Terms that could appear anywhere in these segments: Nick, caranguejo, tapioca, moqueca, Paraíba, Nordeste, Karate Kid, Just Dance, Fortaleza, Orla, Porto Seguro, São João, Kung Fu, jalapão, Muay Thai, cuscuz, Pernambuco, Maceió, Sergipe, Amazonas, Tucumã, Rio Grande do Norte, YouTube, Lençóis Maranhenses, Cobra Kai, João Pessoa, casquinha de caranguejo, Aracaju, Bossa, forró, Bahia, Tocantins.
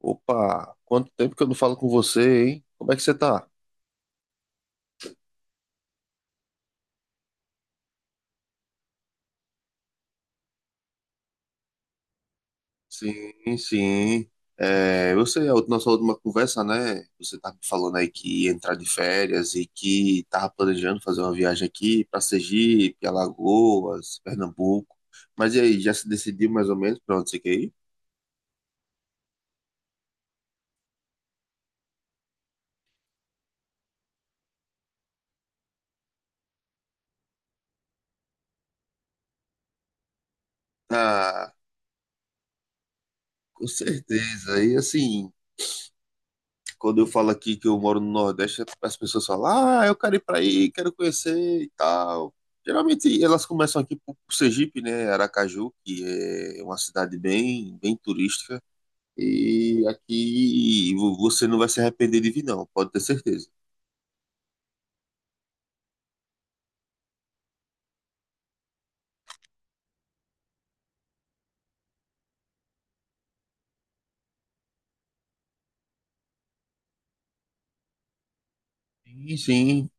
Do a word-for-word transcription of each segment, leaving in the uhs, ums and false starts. Opa, quanto tempo que eu não falo com você, hein? Como é que você tá? Sim, sim. É, eu sei, a ult- nossa última conversa, né? Você tá me falando aí que ia entrar de férias e que tava planejando fazer uma viagem aqui pra Sergipe, Alagoas, Pernambuco. Mas e aí, já se decidiu mais ou menos pra onde você quer ir? Ah, com certeza. E assim, quando eu falo aqui que eu moro no Nordeste, as pessoas falam, ah, eu quero ir pra aí, quero conhecer e tal. Geralmente elas começam aqui por por Sergipe, né, Aracaju, que é uma cidade bem, bem turística. E aqui vo- você não vai se arrepender de vir, não, pode ter certeza. Sim, sim,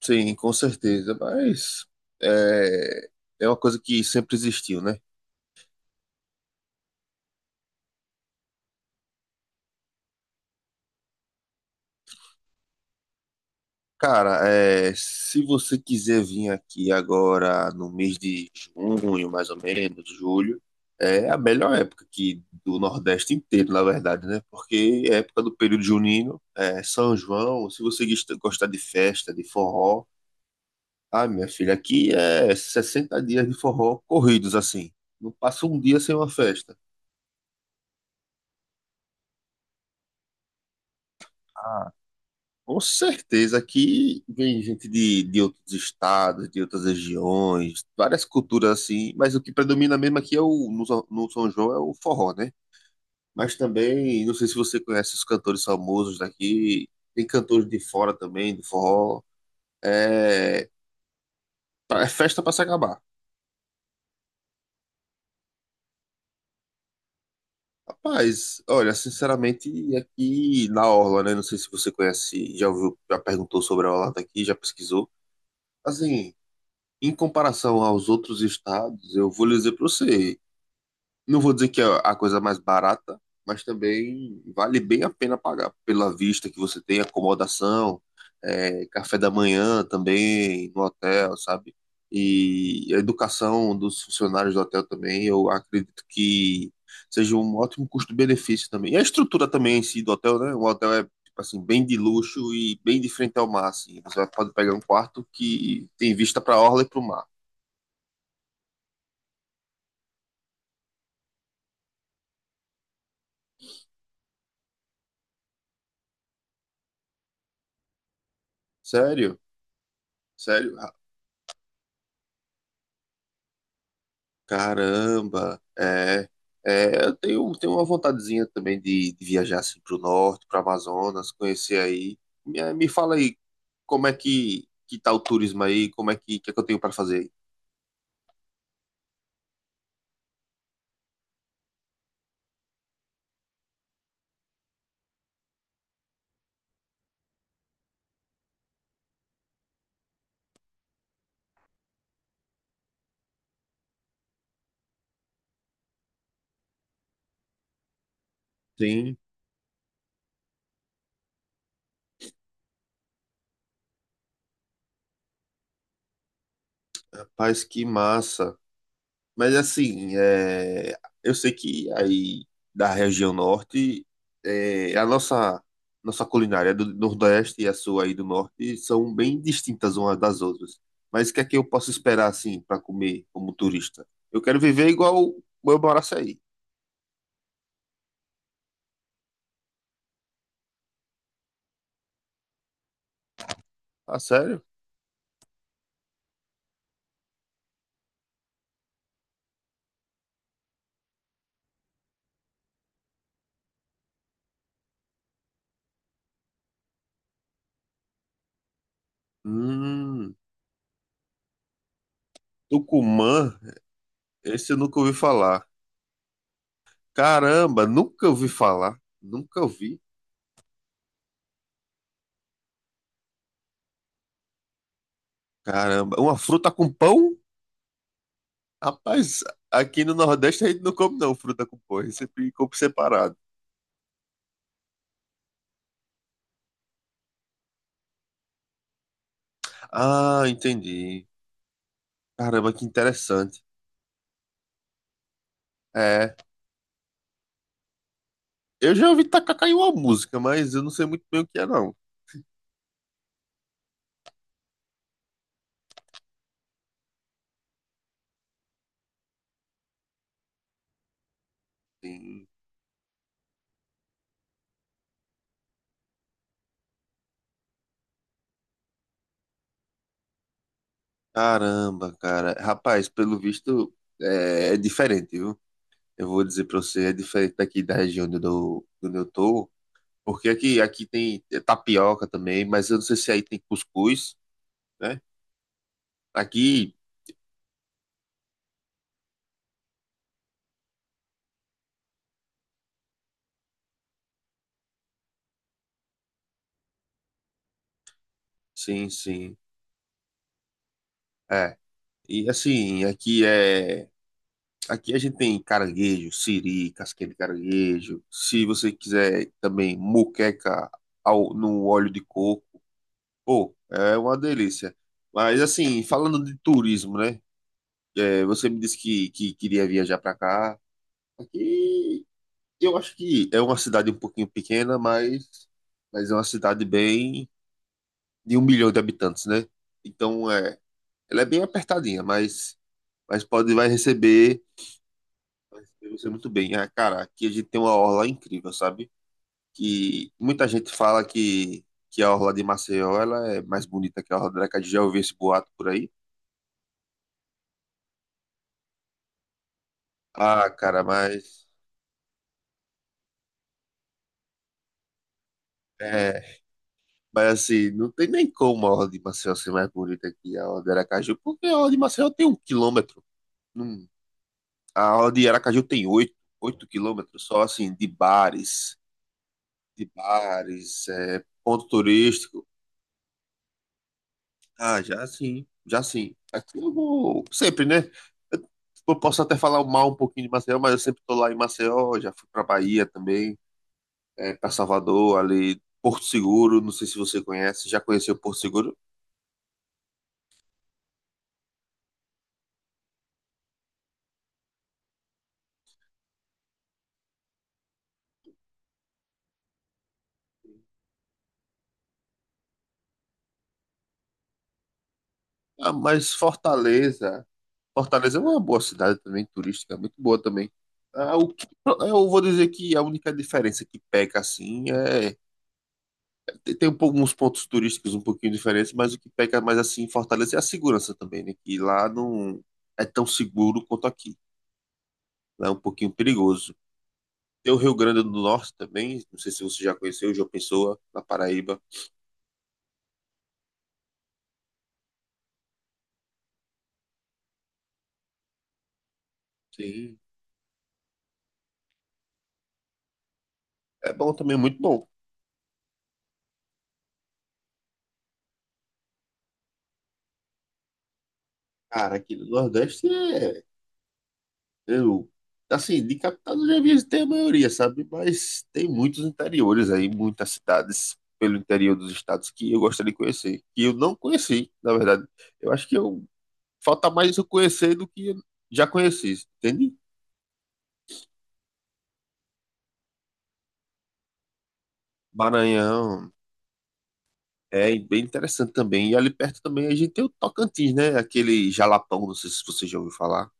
sim, com certeza. Mas é, é uma coisa que sempre existiu, né? Cara, é, se você quiser vir aqui agora no mês de junho, mais ou menos, julho, é a melhor época aqui do Nordeste inteiro, na verdade, né? Porque é época do período junino, é São João, se você gosta- gostar de festa, de forró, ah, minha filha, aqui é sessenta dias de forró corridos, assim. Não passa um dia sem uma festa. Com certeza, aqui vem gente de, de outros estados, de outras regiões, várias culturas assim, mas o que predomina mesmo aqui é o, no, São- no São João é o forró, né? Mas também, não sei se você conhece os cantores famosos daqui, tem cantores de fora também, do forró, é, pra- é festa pra se acabar. Rapaz, olha, sinceramente, aqui na Orla, né? Não sei se você conhece, já ouviu, já perguntou sobre a Orla daqui, já pesquisou. Assim, em comparação aos outros estados, eu vou lhe dizer para você, não vou dizer que é a coisa mais barata, mas também vale bem a pena pagar pela vista que você tem, acomodação, é, café da manhã também no hotel, sabe? E a educação dos funcionários do hotel também, eu acredito que seja um ótimo custo-benefício também. E a estrutura também em si do hotel, né? O hotel é tipo assim bem de luxo e bem de frente ao mar, assim. Você pode pegar um quarto que tem vista para a orla e para o mar. Sério? Sério? Ah, caramba! É, é, eu tenho, tenho uma vontadezinha também de, de viajar assim para o norte, para Amazonas, conhecer aí. Me, me fala aí como é que, que tá o turismo aí, como é que, que é que eu tenho para fazer aí? Sim, rapaz, que massa! Mas assim, é, eu sei que aí da região norte, é, a nossa nossa culinária do Nordeste e a sua aí do Norte são bem distintas umas das outras. Mas o que é que eu posso esperar assim para comer como turista? Eu quero viver igual o meu Baraçaí. Ah, sério? Hum, Tucumã, esse eu nunca ouvi falar. Caramba, nunca ouvi falar. Nunca ouvi. Caramba, uma fruta com pão? Rapaz, aqui no Nordeste a gente não come não fruta com porra, sempre come separado. Ah, entendi. Caramba, que interessante. É, eu já ouvi tacacá em uma música, mas eu não sei muito bem o que é não. Sim. Caramba, cara. Rapaz, pelo visto é, é diferente, viu? Eu vou dizer pra você, é diferente daqui da região onde eu, dou- onde eu tô, porque aqui, aqui tem é tapioca também, mas eu não sei se aí tem cuscuz, né? Aqui, sim, sim. É. E assim, aqui é aqui a gente tem caranguejo, siri, casquinha de caranguejo. Se você quiser também moqueca ao, no óleo de coco, pô, é uma delícia. Mas assim, falando de turismo, né? É, você me disse que, que queria viajar para cá. Aqui eu acho que é uma cidade um pouquinho pequena, mas, mas é uma cidade bem de um milhão de habitantes, né? Então é, ela é bem apertadinha, mas, mas pode vai receber. Eu sei muito bem. Ah, cara, aqui a gente tem uma orla incrível, sabe? Que muita gente fala que, que a orla de Maceió ela é mais bonita que a orla de Aracaju. Já ouvi esse boato por aí? Ah, cara, mas é, mas assim, não tem nem como a orla de Maceió ser mais bonita que a orla de Aracaju, porque a orla de Maceió tem um quilômetro. Hum, a orla de Aracaju tem oito, oito quilômetros só assim de bares, de bares, é, ponto turístico. Ah, já sim, já sim. Aqui eu vou sempre, né? Eu, eu posso até falar mal um pouquinho de Maceió, mas eu sempre tô lá em Maceió, já fui pra Bahia também, é, para Salvador, ali, Porto Seguro, não sei se você conhece, já conheceu Porto Seguro? Ah, mas Fortaleza, Fortaleza é uma boa cidade também, turística, muito boa também. Ah, o que, eu vou dizer que a única diferença que peca assim é Tem, tem um pouco- uns pontos turísticos um pouquinho diferentes, mas o que peca mais assim em Fortaleza é a segurança também, né? Que lá não é tão seguro quanto aqui. Lá é um pouquinho perigoso. Tem o Rio Grande do Norte também, não sei se você já conheceu, João Pessoa, na Paraíba. Sim. É bom também, muito bom. Cara, aqui no Nordeste é. Eu, assim, de capital eu já vi tem a maioria, sabe? Mas tem muitos interiores aí, muitas cidades pelo interior dos estados que eu gostaria de conhecer. Que eu não conheci, na verdade. Eu acho que eu falta mais eu conhecer do que já conheci, entende? Maranhão é bem interessante também. E ali perto também a gente tem o Tocantins, né? Aquele jalapão, não sei se você já ouviu falar.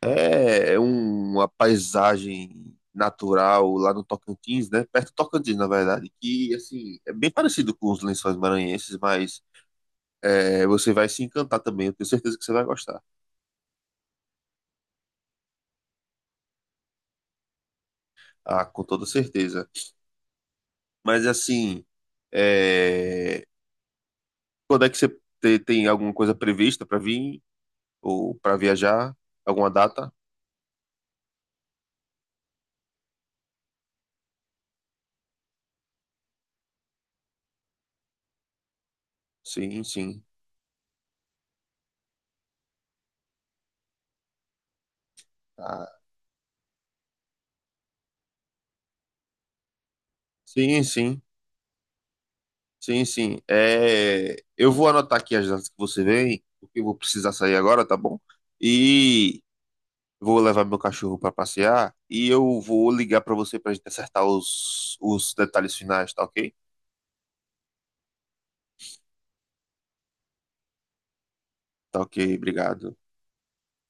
É um- uma paisagem natural lá no Tocantins, né? Perto do Tocantins, na verdade, que assim é bem parecido com os Lençóis Maranhenses, mas é, você vai se encantar também. Eu tenho certeza que você vai gostar, ah, com toda certeza. Mas assim, é, quando é que você te- tem alguma coisa prevista para vir ou para viajar? Alguma data? Sim, sim. Ah, sim, sim. Sim, sim. É, eu vou anotar aqui as datas que você vem, porque eu vou precisar sair agora, tá bom? E vou levar meu cachorro para passear e eu vou ligar para você para gente acertar os, os detalhes finais, tá ok? Tá ok, obrigado.